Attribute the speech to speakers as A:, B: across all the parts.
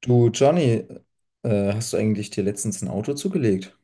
A: Du, Johnny, hast du eigentlich dir letztens ein Auto zugelegt?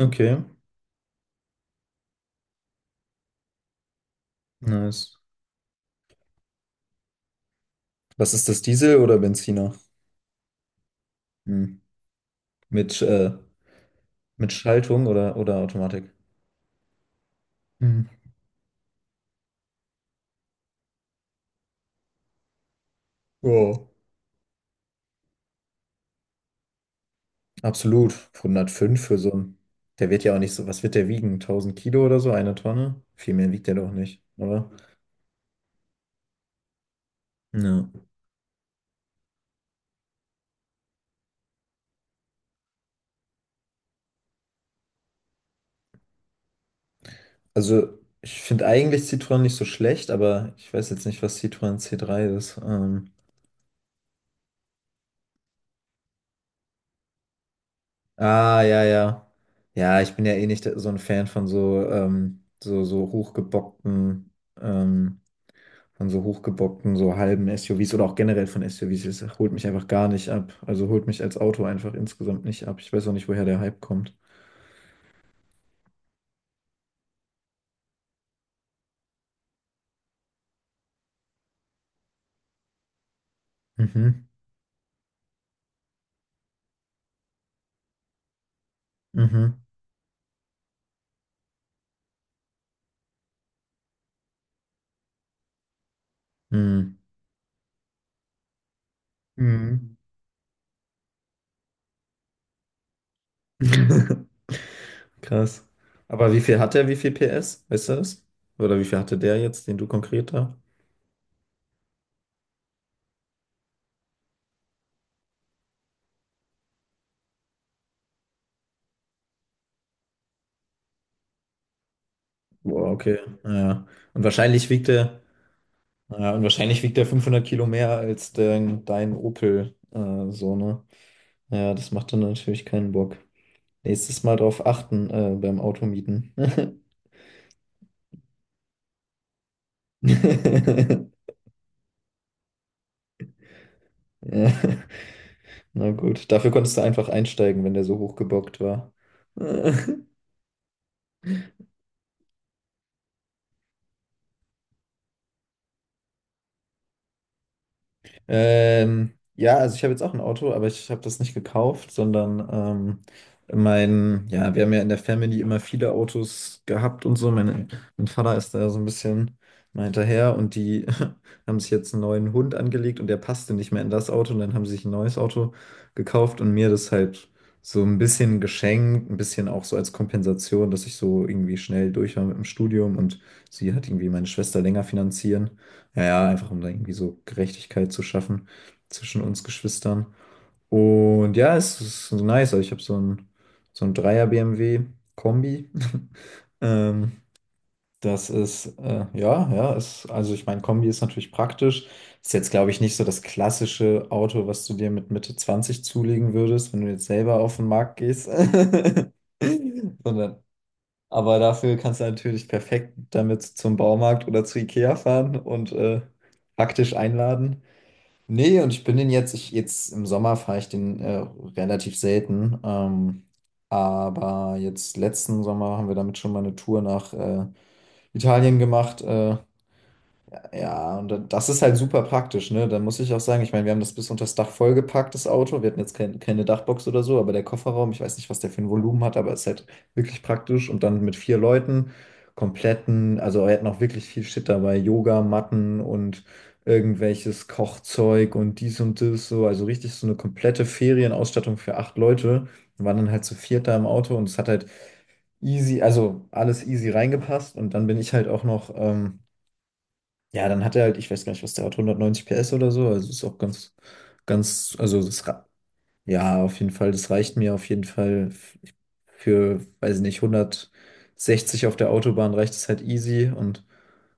A: Okay, nice. Was ist das, Diesel oder Benziner? Hm. Mit, äh, mit Schaltung oder Automatik? Hm. Wow. Absolut. 105 für so ein. Der wird ja auch nicht so. Was wird der wiegen? 1000 Kilo oder so? Eine Tonne? Viel mehr wiegt der doch nicht, oder? Ja. Also, ich finde eigentlich Citroën nicht so schlecht, aber ich weiß jetzt nicht, was Citroën C3 ist. Ah, ja, ja. Ja, ich bin ja eh nicht so ein Fan von so hochgebockten, ähm, von so hochgebockten, so halben SUVs oder auch generell von SUVs. Es holt mich einfach gar nicht ab. Also holt mich als Auto einfach insgesamt nicht ab. Ich weiß auch nicht, woher der Hype kommt. Mhm. Mhm. Mhm. Mhm. Krass. Aber wie viel hat der? Wie viel PS? Weißt du das? Oder wie viel hatte der jetzt, den du konkret da? Boah, okay. Ja. Und wahrscheinlich wiegt er. Ja, und wahrscheinlich wiegt der 500 Kilo mehr als dein Opel, so, ne? Ja, das macht dann natürlich keinen Bock. Nächstes Mal drauf achten, beim Automieten. Ja, na gut, dafür konntest du einfach einsteigen, wenn der so hochgebockt war. Ja, also ich habe jetzt auch ein Auto, aber ich habe das nicht gekauft, sondern ja, wir haben ja in der Family immer viele Autos gehabt und so. Mein Vater ist da so ein bisschen mal hinterher und die haben sich jetzt einen neuen Hund angelegt und der passte nicht mehr in das Auto und dann haben sie sich ein neues Auto gekauft und mir das halt so ein bisschen geschenkt, ein bisschen auch so als Kompensation, dass ich so irgendwie schnell durch war mit dem Studium und sie hat irgendwie meine Schwester länger finanzieren. Ja, ja, einfach um da irgendwie so Gerechtigkeit zu schaffen zwischen uns Geschwistern. Und ja, es ist so nice. Also ich habe so ein Dreier-BMW-Kombi. Ähm, das ist, ja, ja, ist, also ich meine, Kombi ist natürlich praktisch. Ist jetzt, glaube ich, nicht so das klassische Auto, was du dir mit Mitte 20 zulegen würdest, wenn du jetzt selber auf den Markt gehst. Sondern aber dafür kannst du natürlich perfekt damit zum Baumarkt oder zu Ikea fahren und praktisch einladen. Nee, und ich bin den jetzt, ich, jetzt im Sommer fahre ich den relativ selten. Aber jetzt letzten Sommer haben wir damit schon mal eine Tour nach Italien gemacht. Ja, und dann- das ist halt super praktisch, ne? Da muss ich auch sagen, ich meine, wir haben das bis unter das Dach vollgepackt, das Auto. Wir hatten jetzt keine Dachbox oder so, aber der Kofferraum, ich weiß nicht, was der für ein Volumen hat, aber ist halt wirklich praktisch. Und dann mit vier Leuten, kompletten, also wir hatten auch wirklich viel Shit dabei, Yoga, Matten und irgendwelches Kochzeug und dies und das, so. Also richtig so eine komplette Ferienausstattung für acht Leute. Wir waren dann halt zu viert da im Auto und es hat halt easy, also alles easy reingepasst. Und dann bin ich halt auch noch. Ja, dann hat er halt, ich weiß gar nicht, was der hat, 190 PS oder so. Also ist auch also das Ra- ja, auf jeden Fall. Das reicht mir auf jeden Fall f- für, weiß ich nicht, 160 auf der Autobahn reicht es halt easy und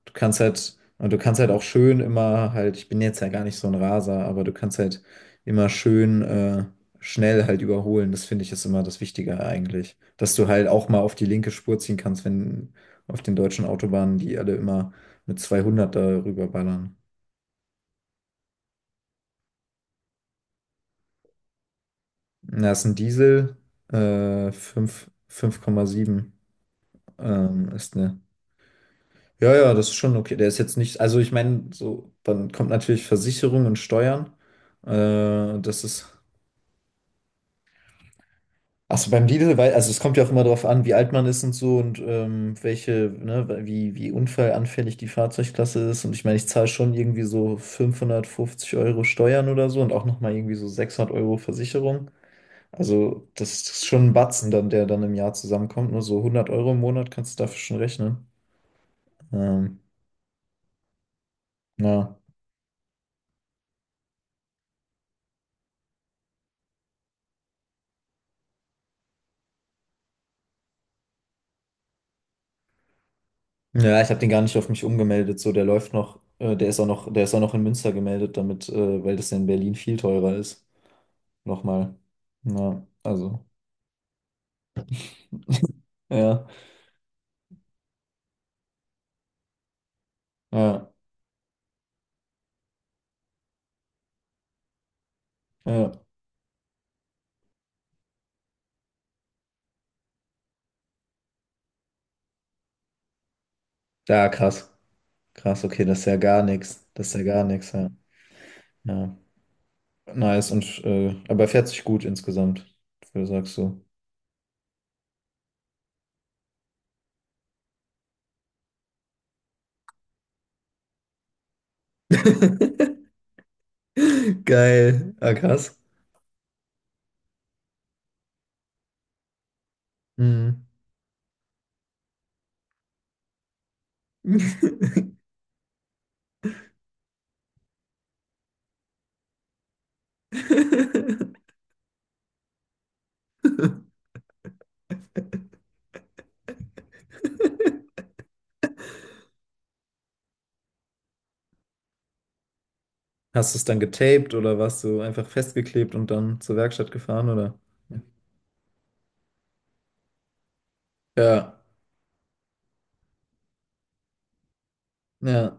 A: du kannst halt, und du kannst halt auch schön immer halt, ich bin jetzt ja gar nicht so ein Raser, aber du kannst halt immer schön schnell halt überholen. Das finde ich ist immer das Wichtige eigentlich. Dass du halt auch mal auf die linke Spur ziehen kannst, wenn auf den deutschen Autobahnen die alle immer mit 200 da rüberballern. Na, ist ein Diesel, 5,7. Ist ne. Ja, ja, das ist schon okay. Der ist jetzt nicht, also ich meine, so, dann kommt natürlich Versicherung und Steuern. Äh, das ist. Achso, beim Lidl, weil, also es kommt ja auch immer darauf an, wie alt man ist und so und welche, ne, wie unfallanfällig die Fahrzeugklasse ist. Und ich meine, ich zahle schon irgendwie so 550€ Steuern oder so und auch nochmal irgendwie so 600€ Versicherung. Also das ist schon ein Batzen dann, der dann im Jahr zusammenkommt. Nur so 100€ im Monat kannst du dafür schon rechnen. Ähm, ja. Ja, ich habe den gar nicht auf mich umgemeldet. So, der läuft noch, der ist auch noch, der ist auch noch in Münster gemeldet, damit, weil das ja in Berlin viel teurer ist. Nochmal. Ja, also. Ja, ja, ja. Ja, krass. Krass, okay, das ist ja gar nichts. Das ist ja gar nichts, ja. Ja. Nice und aber er fährt sich gut insgesamt, für- sagst du. Geil. Ah, krass. Mhm. Hast du es dann getaped oder warst du einfach festgeklebt und dann zur Werkstatt gefahren oder? Ja, ja.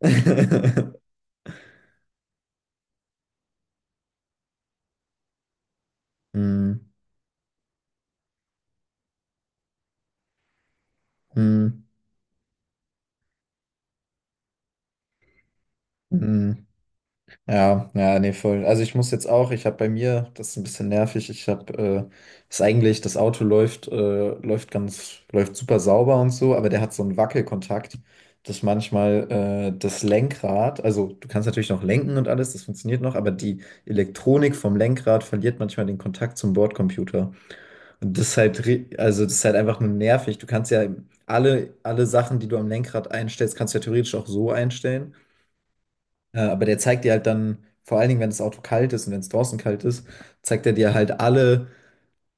A: Hm, hm, hm. Ja, ja, nee, voll. Also ich muss jetzt auch, ich habe bei mir, das ist ein bisschen nervig, ich habe, ist eigentlich, das Auto läuft, läuft super sauber und so, aber der hat so einen Wackelkontakt, dass manchmal, das Lenkrad, also du kannst natürlich noch lenken und alles, das funktioniert noch, aber die Elektronik vom Lenkrad verliert manchmal den Kontakt zum Bordcomputer. Und das ist halt, ri- also das ist halt einfach nur nervig. Du kannst ja alle Sachen, die du am Lenkrad einstellst, kannst du ja theoretisch auch so einstellen. Aber der zeigt dir halt dann, vor allen Dingen, wenn das Auto kalt ist und wenn es draußen kalt ist, zeigt er dir halt alle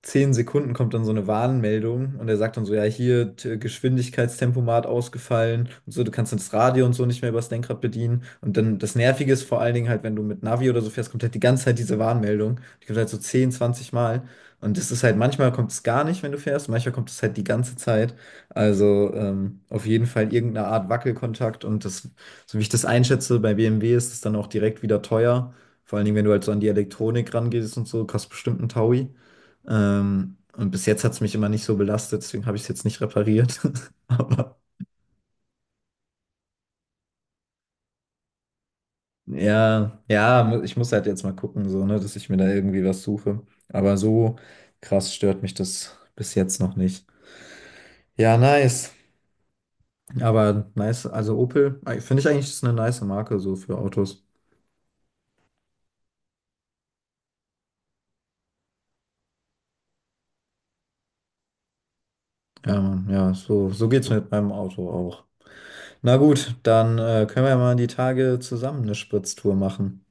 A: 10 Sekunden kommt dann so eine Warnmeldung und er sagt dann so, ja, hier t- Geschwindigkeitstempomat ausgefallen und so, du kannst dann das Radio und so nicht mehr übers Lenkrad bedienen. Und dann das Nervige ist vor allen Dingen halt, wenn du mit Navi oder so fährst, kommt halt die ganze Zeit diese Warnmeldung. Die kommt halt so 10, 20 Mal. Und das ist halt, manchmal kommt es gar nicht, wenn du fährst, manchmal kommt es halt die ganze Zeit. Also auf jeden Fall irgendeine Art Wackelkontakt. Und das, so wie ich das einschätze, bei BMW ist es dann auch direkt wieder teuer. Vor allen Dingen, wenn du halt so an die Elektronik rangehst und so, kostet bestimmt ein Taui. Und bis jetzt hat es mich immer nicht so belastet, deswegen habe ich es jetzt nicht repariert. Aber ja, ja, mu- ich muss halt jetzt mal gucken, so, ne, dass ich mir da irgendwie was suche. Aber so krass stört mich das bis jetzt noch nicht. Ja, nice. Aber nice, also Opel, finde ich eigentlich, ist eine nice Marke so für Autos. Ja, Mann, ja, so, so geht's mit meinem Auto auch. Na gut, dann können wir ja mal die Tage zusammen eine Spritztour machen.